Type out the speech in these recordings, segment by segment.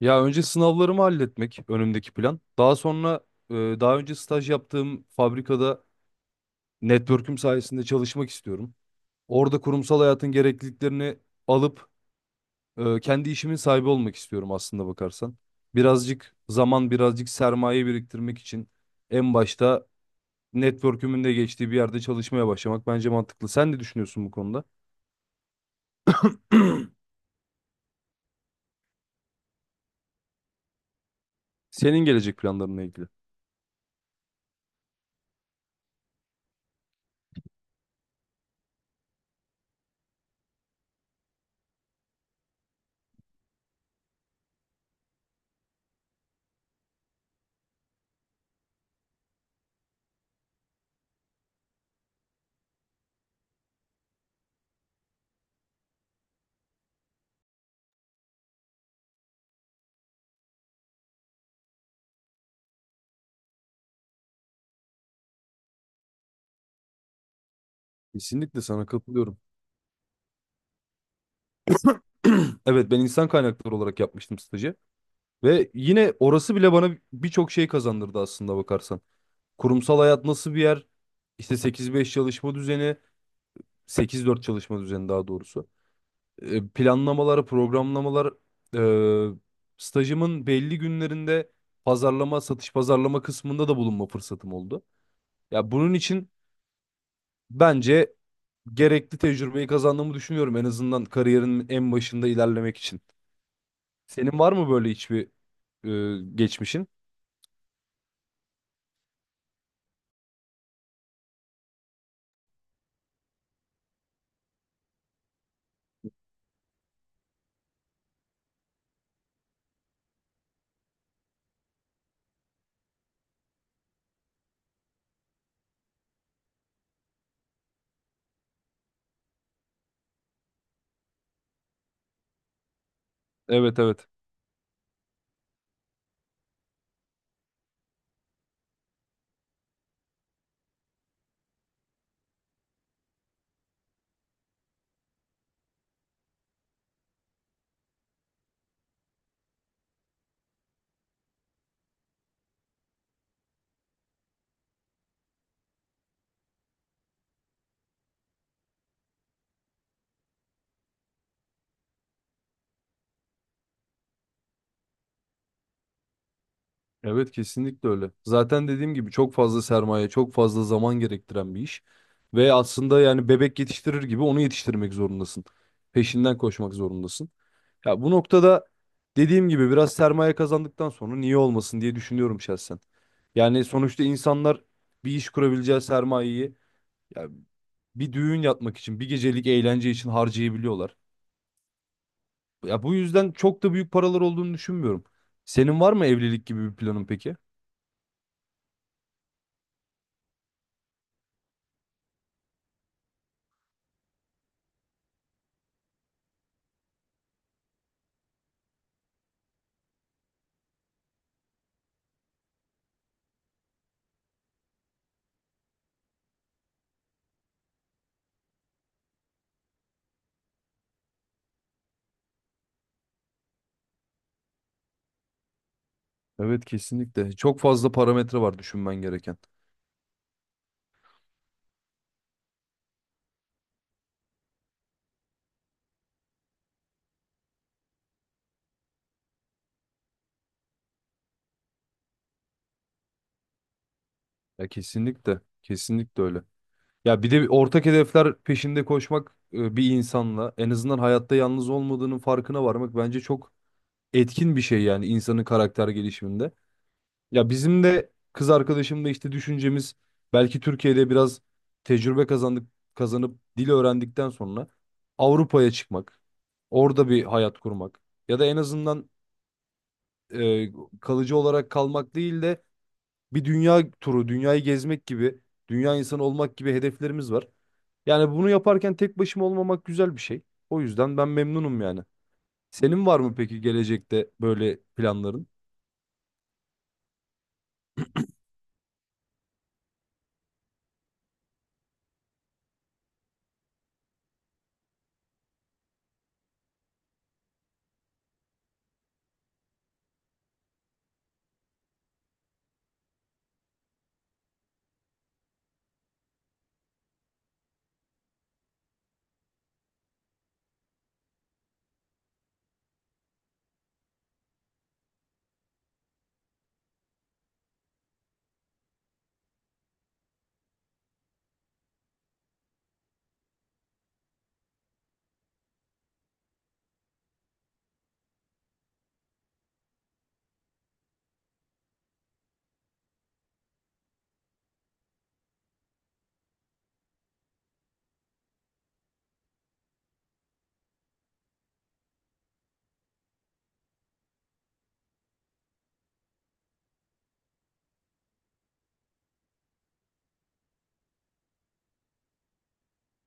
Ya önce sınavlarımı halletmek önümdeki plan. Daha sonra daha önce staj yaptığım fabrikada network'üm sayesinde çalışmak istiyorum. Orada kurumsal hayatın gerekliliklerini alıp kendi işimin sahibi olmak istiyorum aslında bakarsan. Birazcık zaman, birazcık sermaye biriktirmek için en başta network'ümün de geçtiği bir yerde çalışmaya başlamak bence mantıklı. Sen ne düşünüyorsun bu konuda? Senin gelecek planlarınla ilgili. Kesinlikle sana katılıyorum. Evet ben insan kaynakları olarak yapmıştım stajı. Ve yine orası bile bana birçok şey kazandırdı aslında bakarsan. Kurumsal hayat nasıl bir yer? İşte 8-5 çalışma düzeni, 8-4 çalışma düzeni daha doğrusu. Planlamalar, programlamalar, e, stajımın belli günlerinde pazarlama, satış pazarlama kısmında da bulunma fırsatım oldu. Ya bunun için bence gerekli tecrübeyi kazandığımı düşünüyorum en azından kariyerin en başında ilerlemek için. Senin var mı böyle hiçbir geçmişin? Evet, evet. Evet, kesinlikle öyle. Zaten dediğim gibi çok fazla sermaye, çok fazla zaman gerektiren bir iş. Ve aslında yani bebek yetiştirir gibi onu yetiştirmek zorundasın. Peşinden koşmak zorundasın. Ya bu noktada dediğim gibi biraz sermaye kazandıktan sonra niye olmasın diye düşünüyorum şahsen. Yani sonuçta insanlar bir iş kurabileceği sermayeyi ya bir düğün yapmak için, bir gecelik eğlence için harcayabiliyorlar. Ya bu yüzden çok da büyük paralar olduğunu düşünmüyorum. Senin var mı evlilik gibi bir planın peki? Evet, kesinlikle. Çok fazla parametre var düşünmen gereken. Ya kesinlikle. Kesinlikle öyle. Ya bir de ortak hedefler peşinde koşmak, bir insanla en azından hayatta yalnız olmadığının farkına varmak bence çok etkin bir şey yani insanın karakter gelişiminde. Ya bizim de kız arkadaşımla işte düşüncemiz belki Türkiye'de biraz tecrübe kazandık kazanıp dil öğrendikten sonra Avrupa'ya çıkmak, orada bir hayat kurmak ya da en azından e, kalıcı olarak kalmak değil de bir dünya turu, dünyayı gezmek gibi, dünya insanı olmak gibi hedeflerimiz var. Yani bunu yaparken tek başıma olmamak güzel bir şey. O yüzden ben memnunum yani. Senin var mı peki gelecekte böyle planların?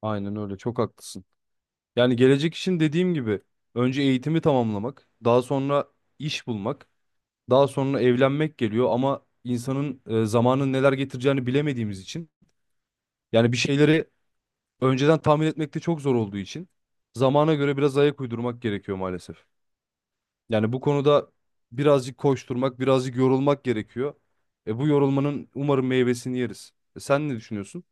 Aynen öyle, çok haklısın. Yani gelecek için dediğim gibi önce eğitimi tamamlamak, daha sonra iş bulmak, daha sonra evlenmek geliyor ama insanın zamanın neler getireceğini bilemediğimiz için yani bir şeyleri önceden tahmin etmekte çok zor olduğu için zamana göre biraz ayak uydurmak gerekiyor maalesef. Yani bu konuda birazcık koşturmak, birazcık yorulmak gerekiyor. E bu yorulmanın umarım meyvesini yeriz. E sen ne düşünüyorsun?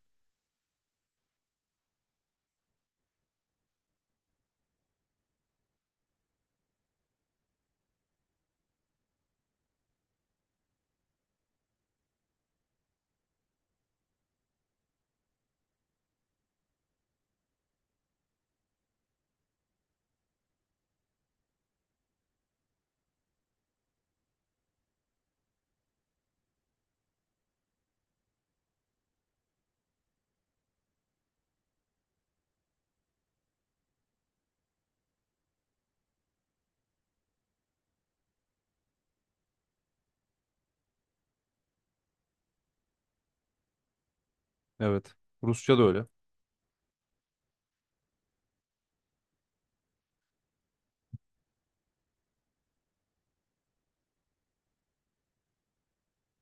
Evet. Rusça da öyle.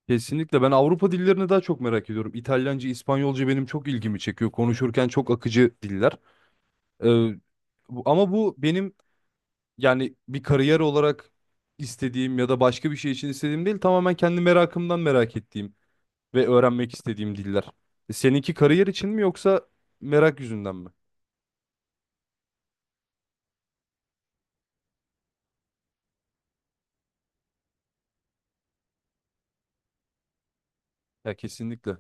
Kesinlikle ben Avrupa dillerini daha çok merak ediyorum. İtalyanca, İspanyolca benim çok ilgimi çekiyor. Konuşurken çok akıcı diller. E, ama bu benim yani bir kariyer olarak istediğim ya da başka bir şey için istediğim değil. Tamamen kendi merakımdan merak ettiğim ve öğrenmek istediğim diller. Seninki kariyer için mi yoksa merak yüzünden mi? Ya kesinlikle.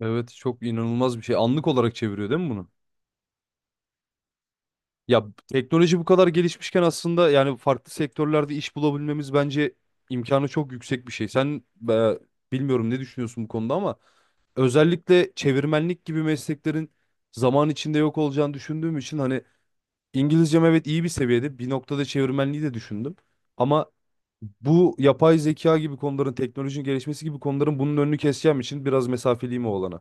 Evet, çok inanılmaz bir şey. Anlık olarak çeviriyor değil mi bunu? Ya teknoloji bu kadar gelişmişken aslında yani farklı sektörlerde iş bulabilmemiz bence imkanı çok yüksek bir şey. Sen e, bilmiyorum ne düşünüyorsun bu konuda ama özellikle çevirmenlik gibi mesleklerin zaman içinde yok olacağını düşündüğüm için hani İngilizcem evet iyi bir seviyede. Bir noktada çevirmenliği de düşündüm. Ama bu yapay zeka gibi konuların, teknolojinin gelişmesi gibi konuların bunun önünü keseceğim için biraz mesafeliyim o olana.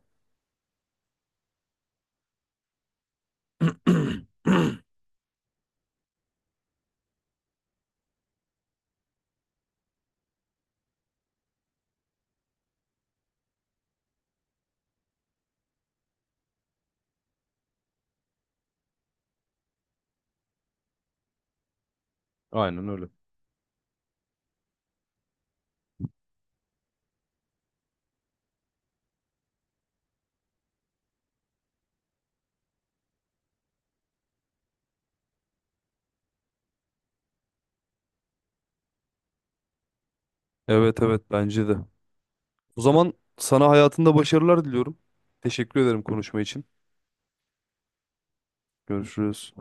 Aynen öyle. Evet, evet, bence de. O zaman sana hayatında başarılar diliyorum. Teşekkür ederim konuşma için. Görüşürüz.